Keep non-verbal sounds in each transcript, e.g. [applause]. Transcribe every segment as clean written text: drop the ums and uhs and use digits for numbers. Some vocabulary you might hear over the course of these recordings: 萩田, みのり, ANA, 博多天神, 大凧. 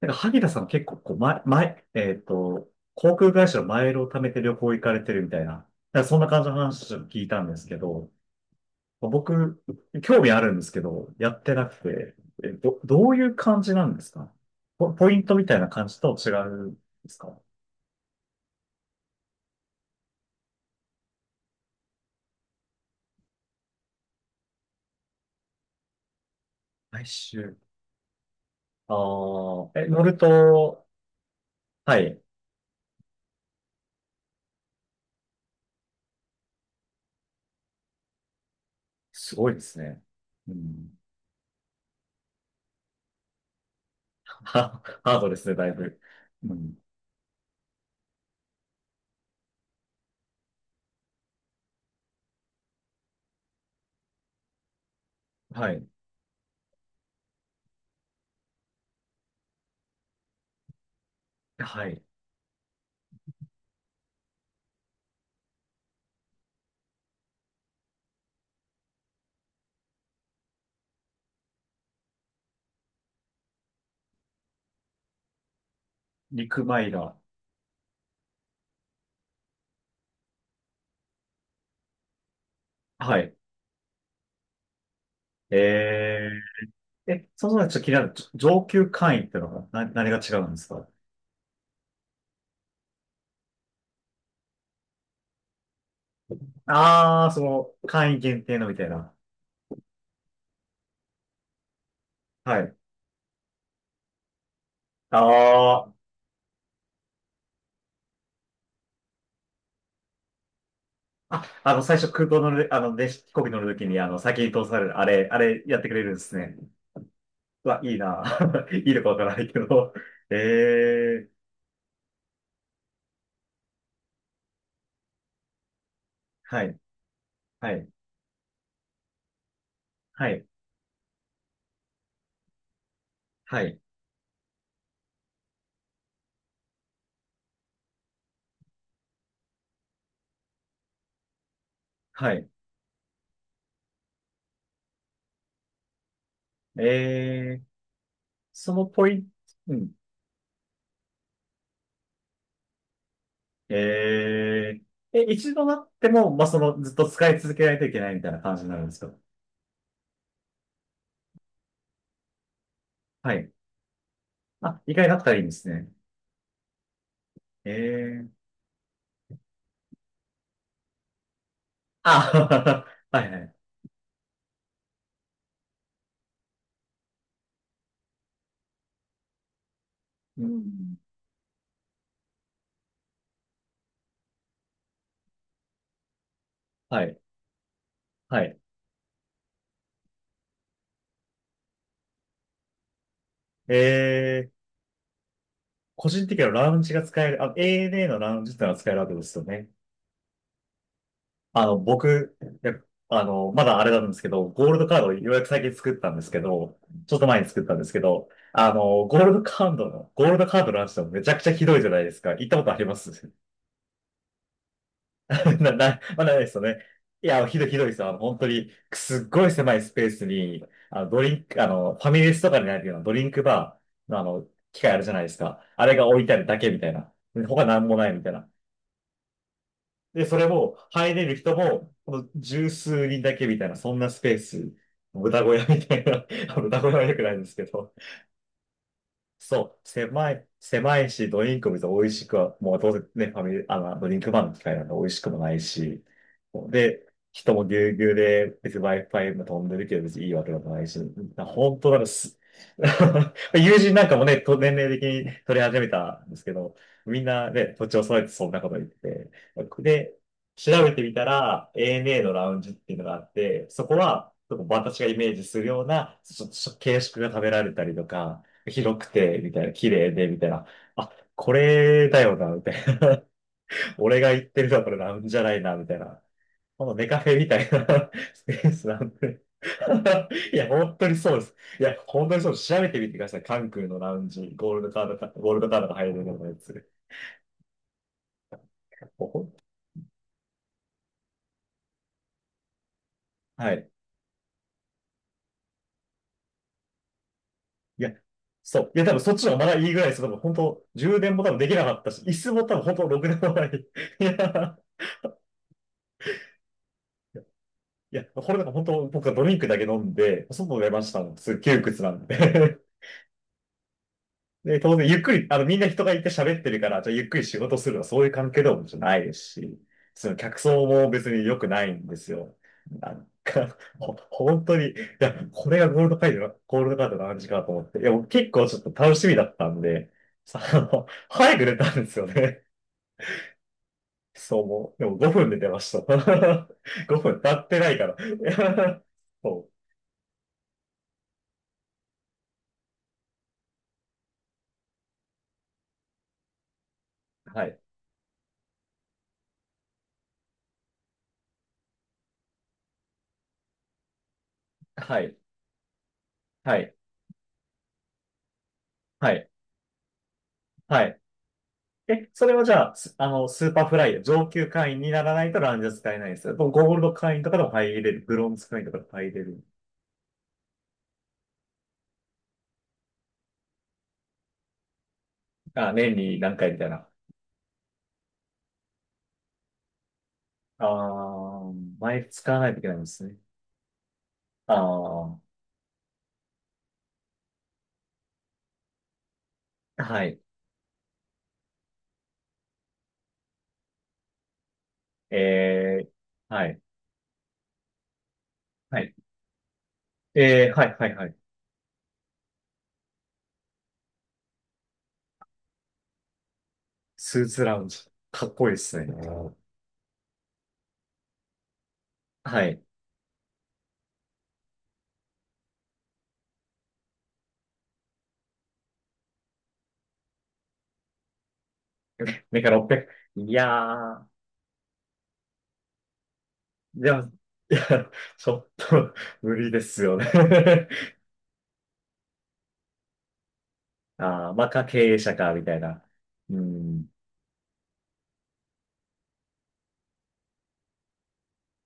なんか、萩田さん結構、こう、前、航空会社のマイルを貯めて旅行行かれてるみたいな、なんかそんな感じの話を聞いたんですけど、僕、興味あるんですけど、やってなくて、どういう感じなんですか？ポイントみたいな感じと違うんですか？毎週。ああ、乗ると、はい、すごいですね。うん。[laughs] ハードですね、だいぶ。うん。はい。はい。陸マイラー。はい。ええ、そもそもちょっと気になる、上級会員ってのは何が違うんですか？ああー、その、会員限定のみたいな。はい。ああ、最初空港乗る、あの、で、飛行機乗るときに、あの、先に通される、あれやってくれるんですね。うわ、いいな。[laughs] いいのかわからないけど。ええ、はい、はい、はい、はい、はい。ええ、そのポイント、うん。えええ、一度なっても、まあ、その、ずっと使い続けないといけないみたいな感じになるんですか？はい。あ、意外だったらいいんですね。ええ、あ、[laughs] はいはい。うん、はい、はい。ええ。個人的にはラウンジが使える、あ、ANA のラウンジってのは使えるわけですよね。あの、僕、いや、あの、まだあれなんですけど、ゴールドカードをようやく最近作ったんですけど、ちょっと前に作ったんですけど、あの、ゴールドカードのラウンジってめちゃくちゃひどいじゃないですか。行ったことあります？[laughs] まあ、ないですよね。いや、ひどいひどいですよ。あの本当に、すっごい狭いスペースに、あの、ドリンク、あの、ファミレスとかにあるようなドリンクバーの、あの、機械あるじゃないですか。あれが置いてあるだけみたいな。で他なんもないみたいな。で、それも、入れる人も、この十数人だけみたいな、そんなスペース、豚小屋みたいな、[laughs] あの豚小屋は良くないんですけど、そう、狭い、狭いし、ドリンクも別に美味しくは、もうどうせね、ファミリー、あの、ドリンクバーの機械なんで美味しくもないし、で、人もぎゅうぎゅうで、別に Wi-Fi も飛んでるけど、別にいいわけでもないし、な本当ならす、[laughs] 友人なんかもね、と年齢的に取り始めたんですけど、みんなね、土地を揃えてそんなこと言ってて、で、調べてみたら、ANA のラウンジっていうのがあって、そこは、ちょっと私がイメージするような、ちょっと形式が食べられたりとか、広くて、みたいな、綺麗で、みたいな。あ、これだよな、みたいな。[laughs] 俺が言ってるのはこれなんじゃないな、みたいな。このネカフェみたいな [laughs] スペースなんで。[laughs] いや、本当にそうです。いや、本当にそうです。調べてみてください。関空のラウンジ、ゴールドカードか、ゴールドカードが入るようなやつ。もうほんはい。いや、そう。いや、多分そっちの方がまだいいぐらいです。多分本当、充電も多分できなかったし、椅子も多分本当ろくでもない。[laughs] いやいや、これなんか本当僕はドリンクだけ飲んで、外出ましたの。すっげえ窮屈なんで。[laughs] で、当然ゆっくり、あのみんな人がいて喋ってるから、じゃあゆっくり仕事するのはそういう関係でもじゃないですし、その客層も別に良くないんですよ。なんか、本当に、いや、これがゴールドカードの話かと思って。いや、僕結構ちょっと楽しみだったんで、[laughs] あの、早く出たんですよね。そう、もう、でも5分で出ました。[laughs] 5分経ってないから。[laughs] そう。はい。はい。はい。はい。はい。それはじゃあ、すあの、スーパーフライ、上級会員にならないとランジャ使えないですよ。でゴールド会員とかでも入れる。ブロンズ会員とかでも入れる。あ、年に何回みたいな。あー、毎日使わないといけないんですね。あー、はい。えー、はい。はい。はい、はい、はい。スーツラウンジ。かっこいいですね。はい。メカ600。いやー、でも、[laughs] いや、ちょっと無理ですよね。ああ、まあ、経営者か、みたいな。うん。い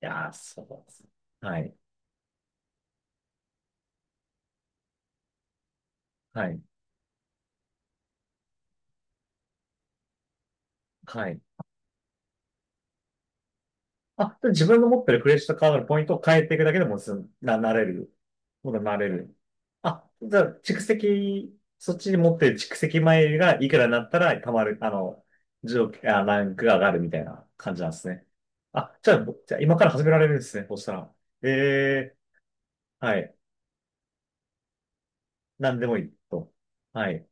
やー、そうです。はい。はい。はい。あ、で自分の持ってるクレジットカードのポイントを変えていくだけでもなれる。そうなれる。あ、じゃあ、蓄積、そっちに持ってる蓄積前がいくらになったら、たまる、あの、ランクが上がるみたいな感じなんですね。あ、じゃあ今から始められるんですね、そうしたら。ええ、はい。なんでもいいと。はい。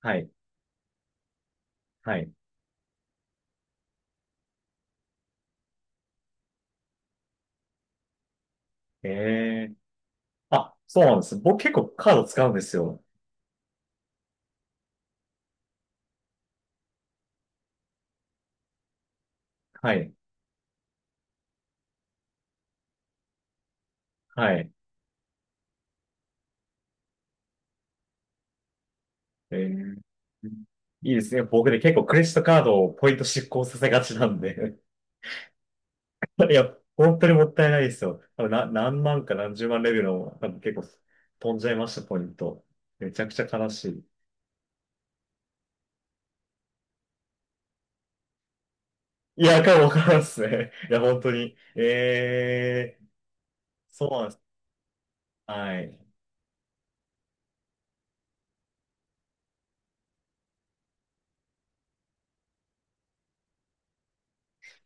はい。はい。ええ、あ、そうなんです。僕結構カード使うんですよ。はい。はい。えーいいですね。僕ね、結構クレジットカードをポイント失効させがちなんで。[laughs] いや、本当にもったいないですよ。多分な、何万か何十万レベルの、多分結構飛んじゃいました、ポイント。めちゃくちゃ悲しい。いや、かもわからんっすね。いや、本当に。ええ、ーそうなんです。はい。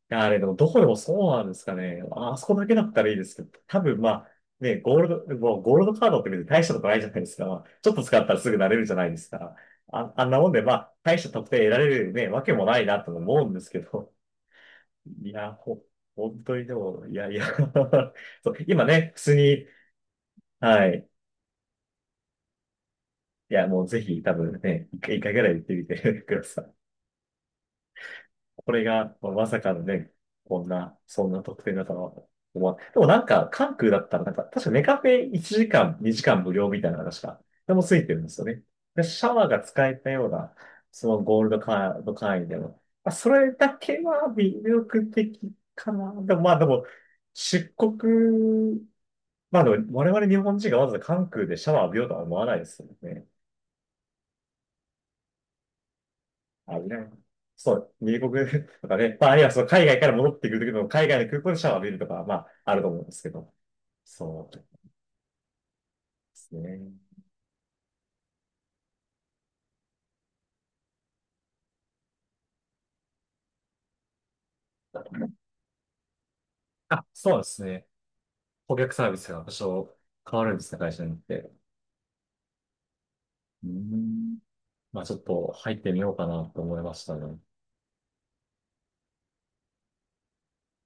や、あれでもどこでもそうなんですかね。ああ、そこだけだったらいいですけど、多分まあ、ね、ゴールド、もうゴールドカードって別に大したことないじゃないですか。まあちょっと使ったらすぐ慣れるじゃないですか。あ、あんなもんで、まあ、大した得点得られるね、わけもないなと思うんですけど。[laughs] いや、本当にでも、いやいや [laughs] そう、今ね、普通に、はい。いや、もうぜひ多分ね、一回一回ぐらい行ってみてください。これが、まあ、まさかのね、こんな、そんな得点だとはでもなんか、関空だったら、なんか、確かネカフェ1時間、2時間無料みたいな話が、でもついてるんですよね。で、シャワーが使えたような、そのゴールドカード会員でも、まあ、それだけは魅力的かな。でもまあでも、出国、まあでも、我々日本人がわざわざ関空でシャワー浴びようとは思わないですよね。あのね、そう、米国と [laughs] かね、まあ、あるいはその海外から戻ってくるときの海外の空港でシャワーを浴びるとか、まあ、あると思うんですけど。そうですね。あ、そうですね。顧客サービスが多少変わるんですね、会社によって。うーん。まあ、ちょっと入ってみようかなと思いましたね。